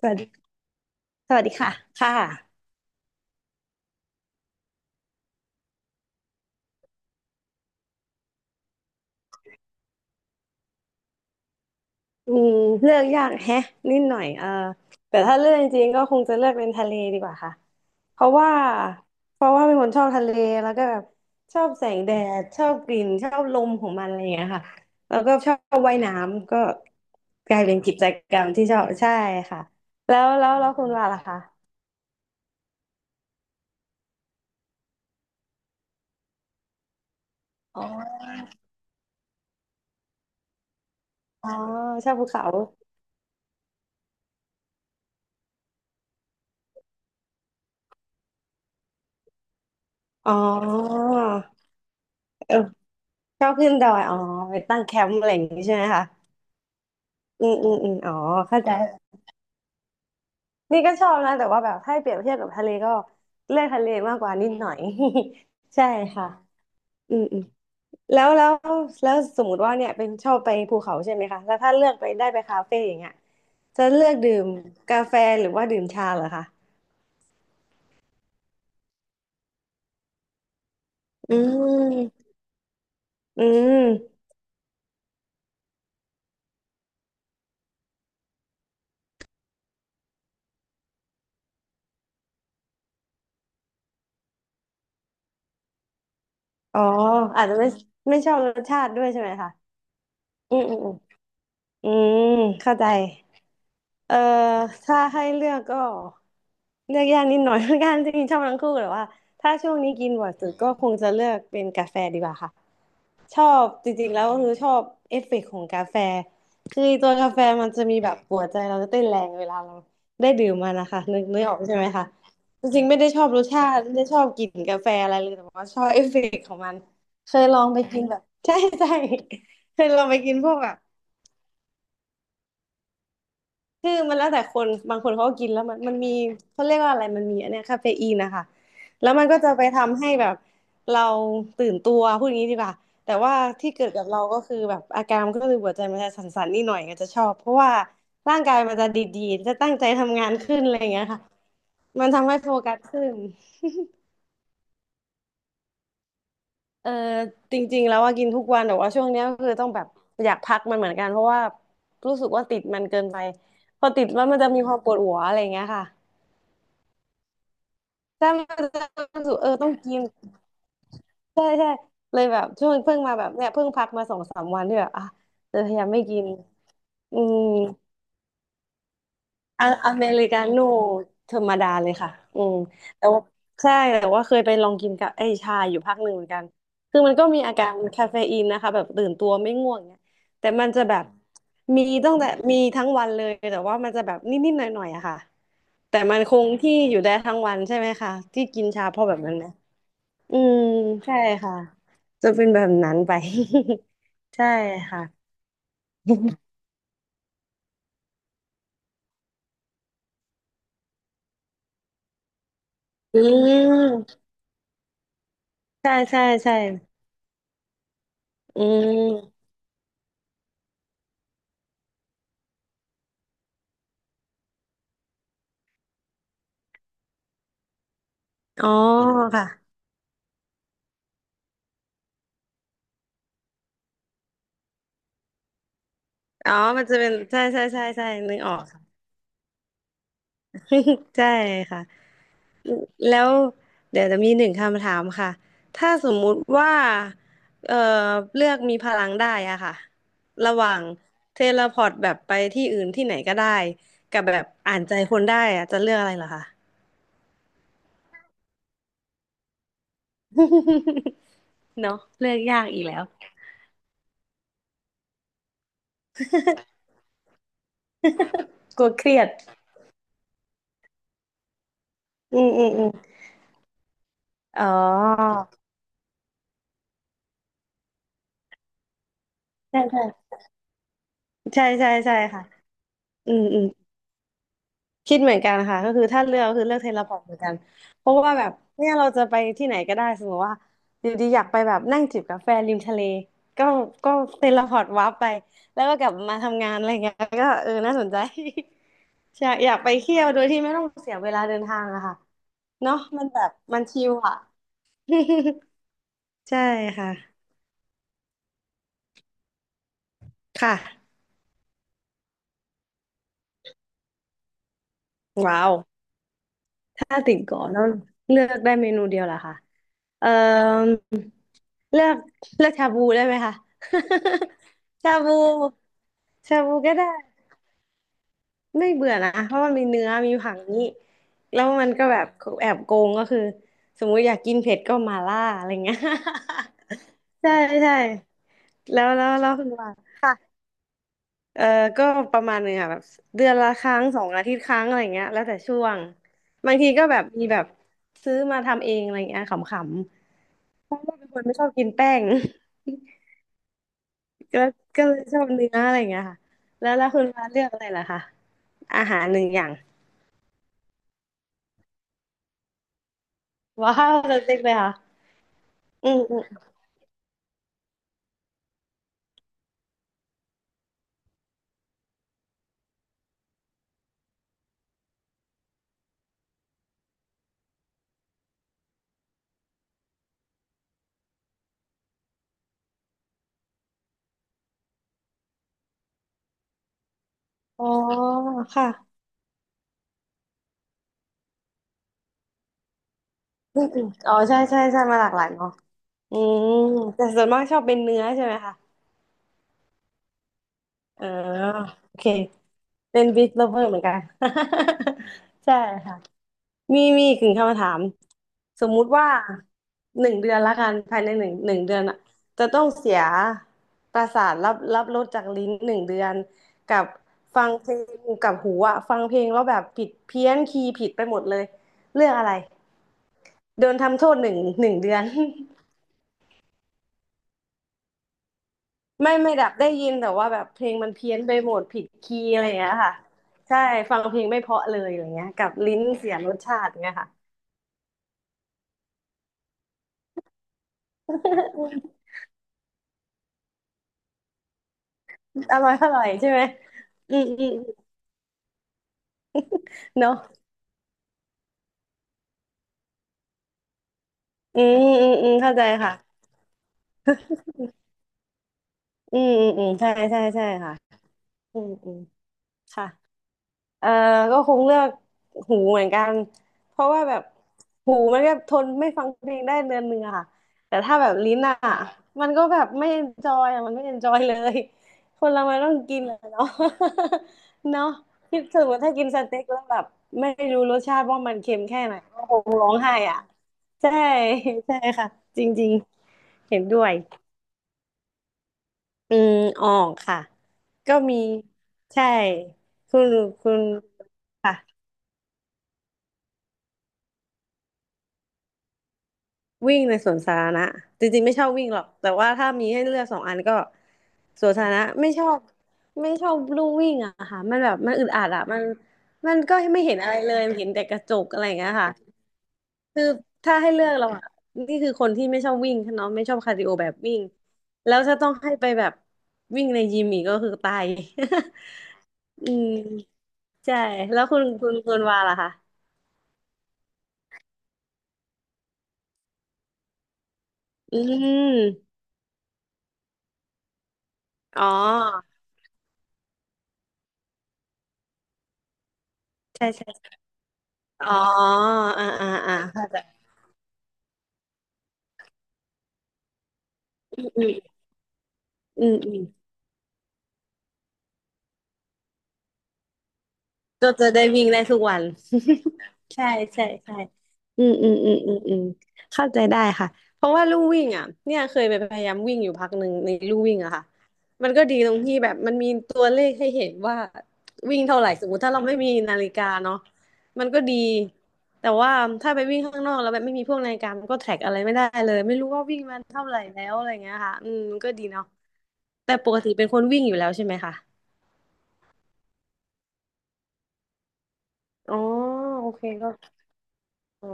สวัสดี สวัสดีค่ะค่ะอืมเลือกยากแฮะนิดหน่อยแต่ถ้าเลือกจริงๆก็คงจะเลือกเป็นทะเลดีกว่าค่ะเพราะว่า เพราะว่าเป็นคนชอบทะเลแล้วก็แบบชอบแสงแดดชอบกลิ่นชอบลมของมันอะไรอย่างเงี้ยค่ะแล้วก็ชอบว่ายน้ำก็กลายเป็นกิจกรรมที่ชอบใช่ค่ะ แล้วคุณว่าล่ะคะอ๋ออ๋อชอบภูเขาอ๋อเออชอบขึ้นดอยอ๋อไปตั้งแคมป์อะไรอย่างงี้ใช่ไหมคะ อืมอืมอืมอ๋อเข้าใจแต่นี่ก็ชอบนะแต่ว่าแบบถ้าให้เปรียบเทียบกับทะเลก็เลือกทะเลมากกว่านิดหน่อย ใช่ค่ะอืมอืมแล้วแล้วแล้วสมมติว่าเนี่ยเป็นชอบไปภูเขาใช่ไหมคะแล้วถ้าเลือกไปได้ไปคาเฟ่อย่างเงี้ยจะเลือกดื่มกาแฟหรือว่าดื่มชาเหรอคะอืมอืมอ๋ออาจจะไม่ไม่ชอบรสชาติด้วยใช่ไหมคะอืมอืมอืมอืมเข้าใจ เอ่อถ้าให้เลือกก็เลือกยากนิดหน่อย เหมือนกันจริงๆชอบทั้งคู่แต่ว่าถ้าช่วงนี้กินบ่อยสุดก็คงจะเลือกเป็นกาแฟดีกว่าค่ะชอบจริงๆแล้วก็คือชอบเอฟเฟกต์ของกาแฟคือตัวกาแฟมันจะมีแบบหัวใจเราจะเต้นแรงเวลาเราได้ดื่มมันนะคะนึกออกใช่ไหมคะจริงๆไม่ได้ชอบรสชาติไม่ได้ชอบกลิ่นกาแฟอะไรเลยแต่ว่าชอบเอฟเฟกต์ของมันเคยลองไปกินแบบ ใช่ใช่เคยลองไปกินพวกแบบ คือมันแล้วแต่คนบางคนเขาก็กินแล้วมันมีเขาเรียกว่าอะไรมันมีอันเนี้ยคาเฟอีนนะคะแล้วมันก็จะไปทำให้แบบเราตื่นตัวพูดอย่างนี้ดีกว่าแต่ว่าที่เกิดกับเราก็คือแบบอาการมันก็คือหัวใจมันจะสั่นๆนิดหน่อยก็จะชอบเพราะว่าร่างกายมันจะดีๆจะตั้งใจทำงานขึ้นอะไรอย่างเงี้ยค่ะมันทำให้โฟกัสขึ้นเออจริงๆแล้วว่ากินทุกวันแต่ว่าช่วงเนี้ยก็คือต้องแบบอยากพักมันเหมือนกันเพราะว่ารู้สึกว่าติดมันเกินไปพอติดแล้วมันจะมีความปวดหัวอะไรอย่างเงี้ยค่ะ ใช่มันจะมันรู้สึกต้องกินใช่ใช่เลยแบบช่วงเพิ่งมาแบบเนี่ยเพิ่งพักมาสองสามวันที่แบบอ่ะจะพยายามไม่กินอืมอะอเมริกาโน่ธรรมดาเลยค่ะอืมแต่ว่าใช่แต่ว่าเคยไปลองกินกับไอ้ชาอยู่พักหนึ่งเหมือนกันคือมันก็มีอาการคาเฟอีนนะคะแบบตื่นตัวไม่ง่วงเนี่ยแต่มันจะแบบมีตั้งแต่มีทั้งวันเลยแต่ว่ามันจะแบบนิดๆหน่อยๆอะค่ะแต่มันคงที่อยู่ได้ทั้งวันใช่ไหมคะที่กินชาเพราะแบบนั้นไหม อืมใช่ค่ะจะเป็นแบบนั้นไป ใช่ค่ะอืมใช่ใช่ใช่อืมอ๋อค่ะอ๋อมันจะเป็นใช่ใช่ใช่ใช่นึกออก ใช่ค่ะแล้วเดี๋ยวจะมีหนึ่งคำถามค่ะถ้าสมมุติว่าเอ่อเลือกมีพลังได้อะค่ะระหว่างเทเลพอร์ตแบบไปที่อื่นที่ไหนก็ได้กับแบบอ่านใจคนได้อะจะเลือกอะไรเหรอคะ เนาะเลือกยากอีกแล้วกลัวเครียดอืมอืมอืมอ๋อใช่ใช่ใช่ใช่ใช่ค่ะอืมอืมคิดเหมือนกันค่ะก็คือถ้าเลือกก็คือเลือกเทเลพอร์ตเหมือนกันเพราะว่าแบบเนี่ยเราจะไปที่ไหนก็ได้สมมติว่าอยู่ดีอยากไปแบบนั่งจิบกาแฟริมทะเลก็ก็เทเลพอร์ตวาร์ปไปแล้วก็กลับมาทำงานอะไรเงี้ยก็เออน่าสนใจ อยากไปเที่ยวโดยที่ไม่ต้องเสียเวลาเดินทางอะค่ะเนาะมันแบบมันชิลอะ ใช่ค่ะ ค่ะ ว้าว ถ้าติ่งเกาะต้องเลือกได้เมนูเดียวเหรอคะเอ่อเลือกเลือกชาบูได้ไหมคะ ชาบู ชาบูก็ได้ ไม่เบื่อนะ เพราะมันมีเนื้อมีผักนี้แล้วมันก็แบบแอบโกงก็คือสมมุติอยากกินเผ็ดก็มาล่าอะไรเงี้ย ใช่ใช่แล้วคุณว่า เออก็ประมาณหนึงค่ะแบบเดือนละครั้งสองอาทิตย์ครั้งอะไรเงี้ยแล้วแต่ช่วงบางทีก็แบบมีแบบซื้อมาทำเองอะไรเงี้ยขำๆเพราะว่าเป็นคนไม่ชอบกินแป้ง ก็ก็เลยชอบเนื้ออะไรเงี้ยค่ะแล้วคุณฟ้าเลือกอะไรล่ะคะอาหารหนึ่งอย่างว้าวเล็กๆเลยค่ะอืมอืมอ๋อค่ะอืมอืมอ๋อใช่ใช่ใช่มาหลากหลายเนาะอืมแต่ส่วนมากชอบเป็นเนื้อใช่ไหมคะอ๋อโอเค เป็นบิ๊ก lover เหมือนกัน ใช่ค่ะมีอีกหนึ่งคำถามสมมุติว่าหนึ่งเดือนละกันภายในหนึ่งเดือนอะจะต้องเสียประสาทรับรสจากลิ้นหนึ่งเดือนกับฟังเพลงกับหูอะฟังเพลงแล้วแบบผิดเพี้ยนคีย์ผิดไปหมดเลยเรื่องอะไรโดนทำโทษหนึ่งเดือน ไม่ดับได้ยินแต่ว่าแบบเพลงมันเพี้ยนไปหมดผิดคีย์อะไรอย่างเงี้ยค่ะใช่ฟังเพลงไม่เพราะเลยอย่างเงี้ยกับลิ้นเสียรสชาติอย่างเงี้ยค่ะ อร่อยอร่อยใช่ไหมอืมอืมเนาะอืมอืมอืมเข้าใจค่ะอืมอืมอืมใช่ใช่ใช่ค่ะอืมอืมค่ะ เออก็คงเลือกหูเหมือนกัน เพราะว่าแบบหูมันก็ทนไม่ฟังเพลงได้เดือนหนึ่งอะค่ะแต่ถ้าแบบลิ้นอะมันก็แบบไม่เอนจอยอะมันไม่เอนจอยเลยคนเรามันต้องกินอะเนาะ เนาะคิดถึงว่าถ้ากินสเต็กแล้วแบบไม่รู้รสชาติว่ามันเค็มแค่ไหนก็คงร้องไห้อะใช่ใช่ค่ะจริงๆเห็นด้วยอืมออกค่ะก็มีใช่คุณคุณค่ะ วิ่งในสวนสาธารณะจริงๆไม่ชอบวิ่งหรอกแต่ว่าถ้ามีให้เลือกสองอันก็สวนสาธารณะไม่ชอบไม่ชอบลู่วิ่งอะค่ะมันแบบมันอึดอัดอะมันมันก็ไม่เห็นอะไรเลยเห็นแต่กระจกอะไรอย่างเงี้ยค่ะคือถ้าให้เลือกเราอะนี่คือคนที่ไม่ชอบวิ่งเนาะไม่ชอบคาร์ดิโอแบบวิ่งแล้วถ้าต้องให้ไปแบบวิ่งในยิมอีกก็คือตาย อืมใช่แล้วคุณวาล่ะคะอืมอ๋อใช่ใช่อ๋ออ่าอ่าอ่าเข้าใจ อืมอืมอืมก็จะได้วิ่งได้ทุกวัน ใช่ใช่ใช่อืมอืมอืมอืมอืมเข้าใจได้ค่ะเพราะว่าลู่วิ่งอ่ะเนี่ยเคยไปพยายามวิ่งอยู่พักหนึ่งในลู่วิ่งอะค่ะมันก็ดีตรงที่แบบมันมีตัวเลขให้เห็นว่าวิ่งเท่าไหร่สมมติถ้าเราไม่มีนาฬิกาเนาะมันก็ดีแต่ว่าถ้าไปวิ่งข้างนอกแล้วแบบไม่มีพวกนาฬิกามันก็แทร็กอะไรไม่ได้เลยไม่รู้ว่าวิ่งมันเท่าไหร่แล้วอะไรเงี้ยค่ะอืมมันก็ดีเนาะแต่ปกติเป็นคนวิ่งอยู่แล้วใช่ไหมคะอ๋อโอเค อ๋อ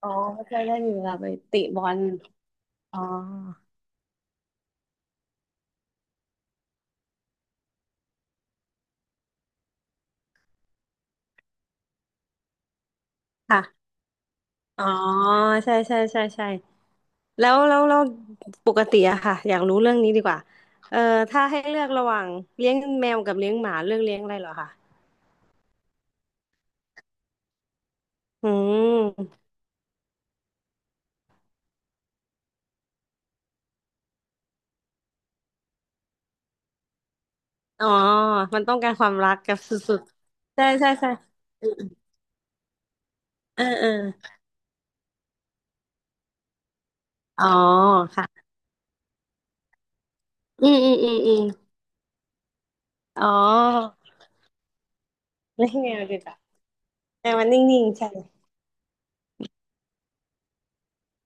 อ๋อไม่ค่อยได้มีเวลาไปติบอลอ๋อค่ะอ๋อใช่ใช่ใช่ใช่แล้วปกติอะค่ะอยากรู้เรื่องนี้ดีกว่าเอ่อถ้าให้เลือกระหว่างเลี้ยงแมวกับเลี้ยงหมาเลือกเลี้ยงอะไรเหรอคะอืมอ๋อมันต้องการความรักกับสุดๆใช่ใช่ใช่อืมอืมเออเอออ๋อค่ะอืมอืมอืมอืมอ๋อเลี้ยงแมวดีกว่าแต่มันนิ่งๆใช่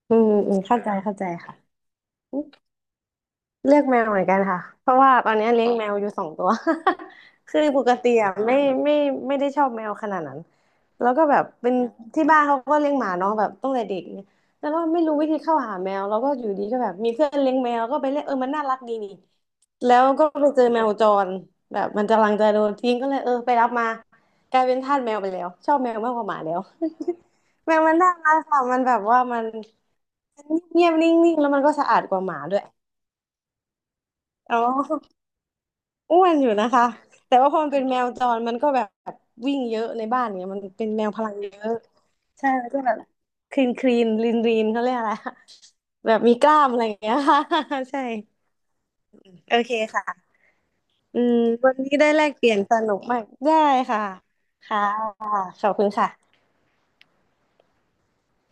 อืมอืมเข้าใจเข้าใจค่ะ เลือกแมวเหมือนกันค่ะเพราะว่าตอนนี้เลี้ยงแมวอยู่สองตัว คือปกติอ่ะไม่ไม่ไม่ได้ชอบแมวขนาดนั้นแล้วก็แบบเป็นที่บ้านเขาก็เลี้ยงหมาเน้องแบบตั้งแต่เด็กเนี่ยแล้วก็ไม่รู้วิธีเข้าหาแมวแล้วก็อยู่ดีก็แบบมีเพื่อนเลี้ยงแมวก็ไปเล่นเออมันน่ารักดีนี่แล้วก็ไปเจอแมวจรแบบมันกำลังจะโดนทิ้งก็เลยเออไปรับมากลายเป็นทาสแมวไปแล้วชอบแมวมากกว่าหมาแล้ว แมวมันน่ารักค่ะมันแบบว่ามันเงียบๆนิ่งๆแล้วมันก็สะอาดกว่าหมาด้วยอ๋อ อ้วนอยู่นะคะแต่ว่าพอมันเป็นแมวจรมันก็แบบวิ่งเยอะในบ้านเนี่ยมันเป็นแมวพลังเยอะใช่มันก็แบบคลีนคลีนรีนรีนเขาเรียกอะไรอะแบบมีกล้ามอะไรอย่างเงี้ย ใช่โอเคค่ะอืมวันนี้ได้แลกเปลี่ยนสนุกมากได้ค่ะค่ะขอบคุณค่ะ